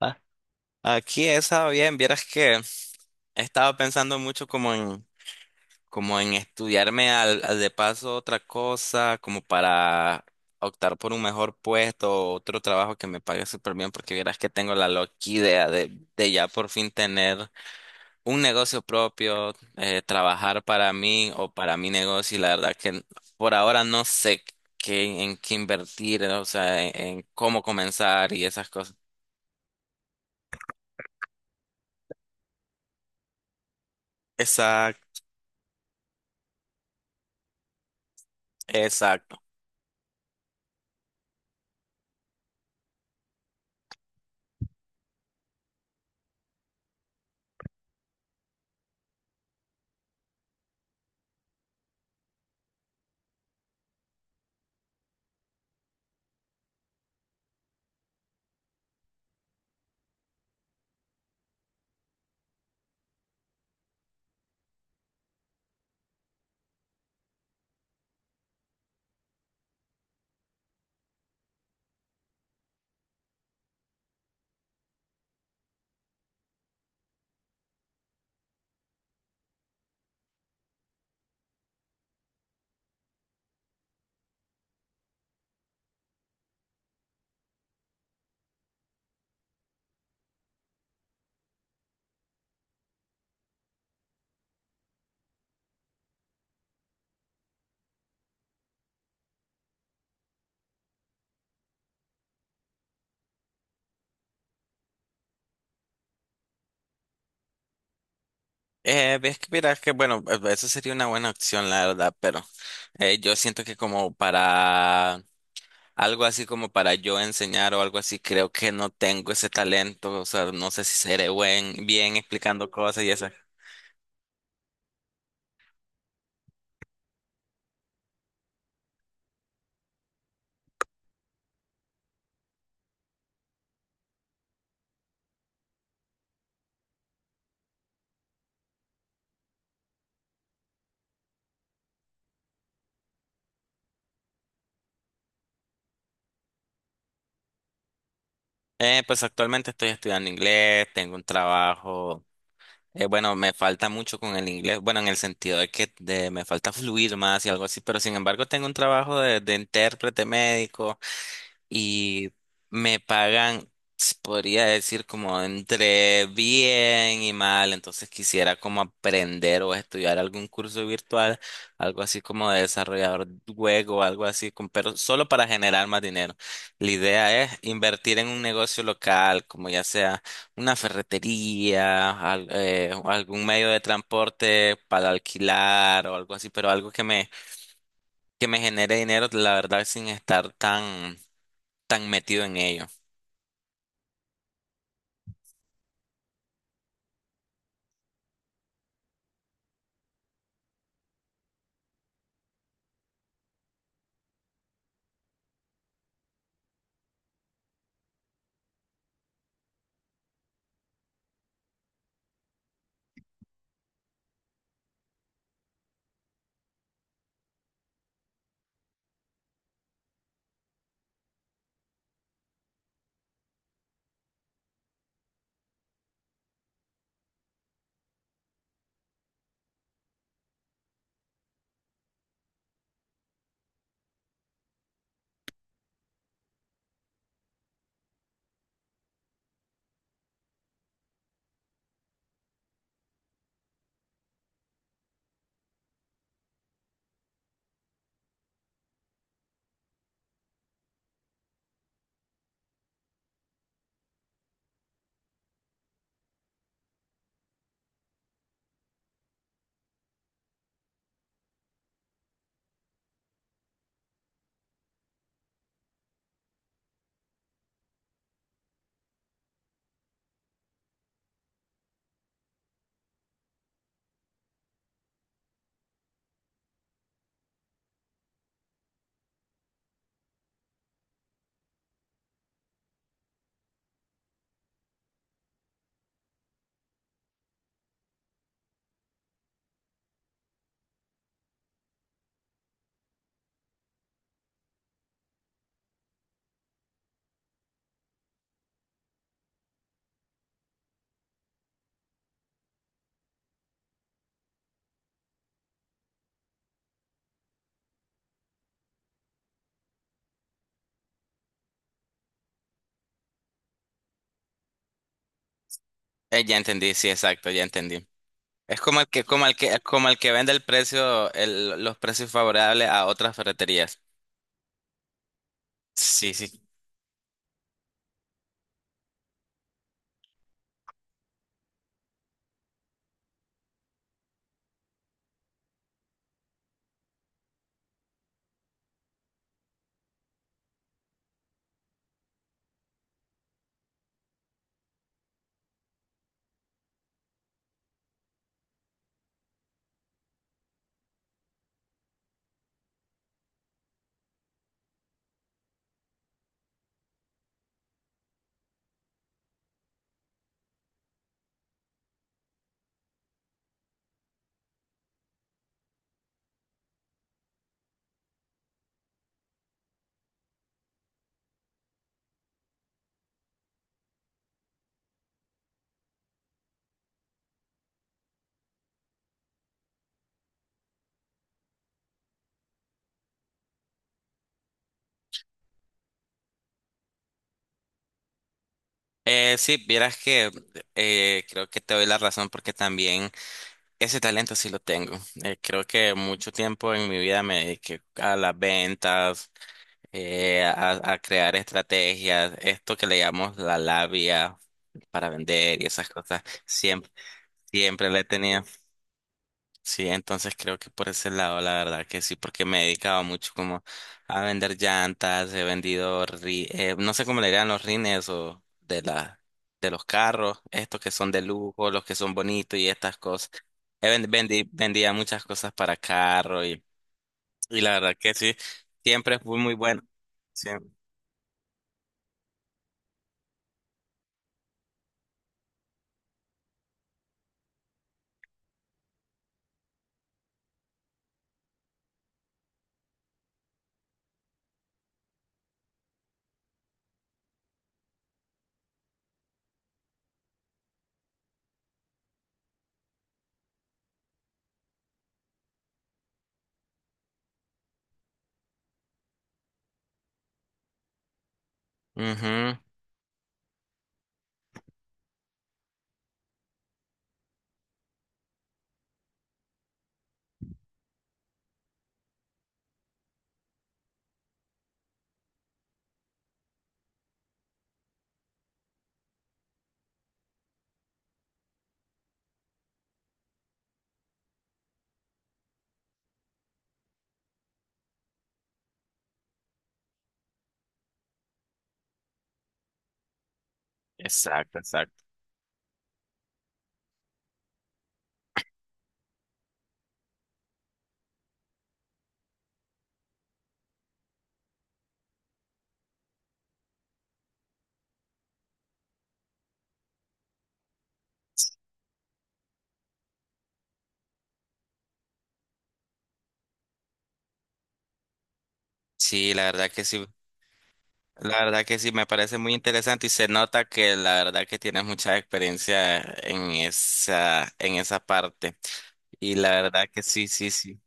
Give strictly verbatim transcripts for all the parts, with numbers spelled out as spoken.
Ah, Aquí esa bien, vieras que estaba pensando mucho como en, como en estudiarme al, al de paso otra cosa, como para optar por un mejor puesto, otro trabajo que me pague súper bien, porque vieras que tengo la loca idea de, de ya por fin tener un negocio propio, eh, trabajar para mí o para mi negocio, y la verdad que por ahora no sé qué, en qué invertir, o sea, en en cómo comenzar y esas cosas. Exacto. Exacto. Eh, ves que mira que bueno, eh, eso sería una buena opción, la verdad, pero eh, yo siento que como para algo así como para yo enseñar o algo así, creo que no tengo ese talento, o sea, no sé si seré buen, bien explicando cosas y eso. Eh, pues actualmente estoy estudiando inglés, tengo un trabajo, eh, bueno, me falta mucho con el inglés, bueno, en el sentido de que de- me falta fluir más y algo así, pero sin embargo tengo un trabajo de, de intérprete médico. Y me pagan, se podría decir, como entre bien y mal. Entonces quisiera como aprender o estudiar algún curso virtual, algo así como de desarrollador web o algo así, con- pero solo para generar más dinero. La idea es invertir en un negocio local, como ya sea una ferretería, al- eh, o algún medio de transporte para alquilar o algo así, pero algo que me, que me genere dinero, la verdad, sin estar tan tan metido en ello. Eh, ya entendí, sí, exacto, ya entendí. Es como el que, como el que, como el que vende el precio, el- los precios favorables a otras ferreterías. Sí, sí. Eh, sí, vieras que eh, creo que te doy la razón porque también ese talento sí lo tengo. Eh, creo que mucho tiempo en mi vida me dediqué a las ventas, eh, a, a crear estrategias, esto que le llamamos la labia para vender y esas cosas. Siempre, siempre le he tenido. Sí, entonces creo que por ese lado, la verdad que sí, porque me he dedicado mucho como a vender llantas, he vendido, ri- eh, no sé cómo le dirán los rines o de la, de los carros, estos que son de lujo, los que son bonitos y estas cosas. He ven- vendí- vendía muchas cosas para carro y, y la verdad que sí, siempre fui muy bueno. Sí. Ujú. Exacto, exacto. Sí, la verdad que sí. La verdad que sí, me parece muy interesante y se nota que la verdad que tienes mucha experiencia en esa, en esa parte. Y la verdad que sí, sí, sí.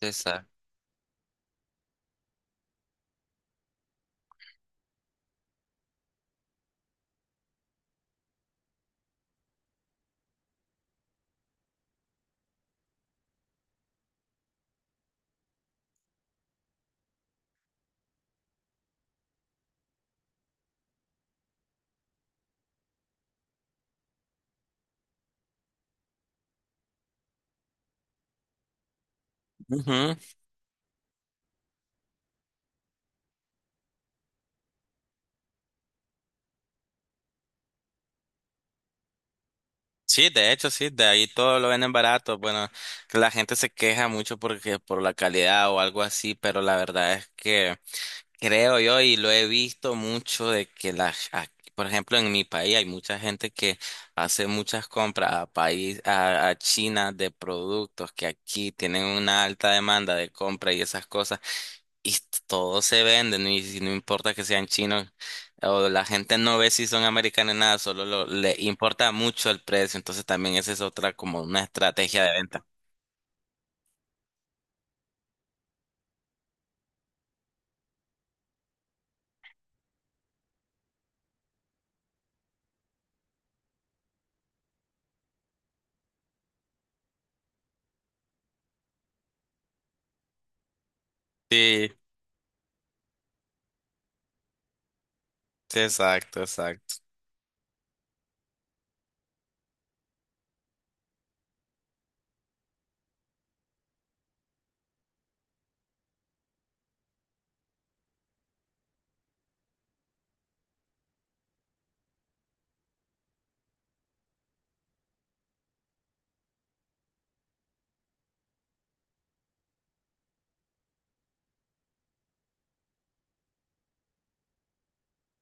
Esa. Ujú. Sí, de hecho, sí, de ahí todo lo venden barato. Bueno, la gente se queja mucho porque por la calidad o algo así, pero la verdad es que creo yo, y lo he visto mucho de que las, ac- por ejemplo, en mi país hay mucha gente que hace muchas compras a país, a, a China de productos que aquí tienen una alta demanda de compra y esas cosas, y todos se venden, y si no importa que sean chinos, o la gente no ve si son americanos nada, solo lo- le importa mucho el precio, entonces también esa es otra como una estrategia de venta. Sí, sí, exacto, exacto.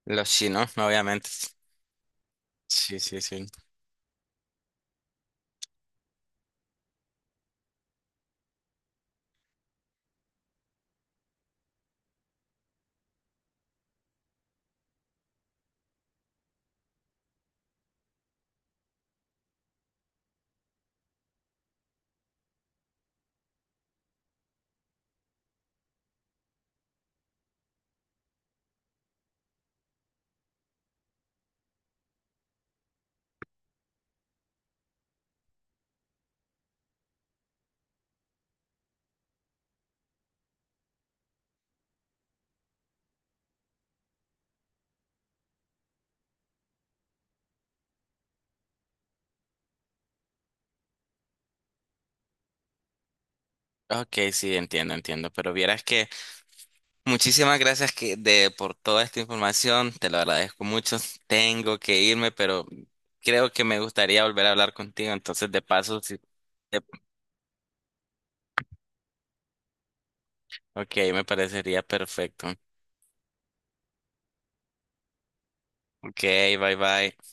Los chinos, obviamente. Sí, sí, sí. Ok, sí, entiendo, entiendo, pero vieras que muchísimas gracias que de por toda esta información, te lo agradezco mucho. Tengo que irme, pero creo que me gustaría volver a hablar contigo, entonces de paso, sí, de- ok, me parecería perfecto. Ok, bye bye.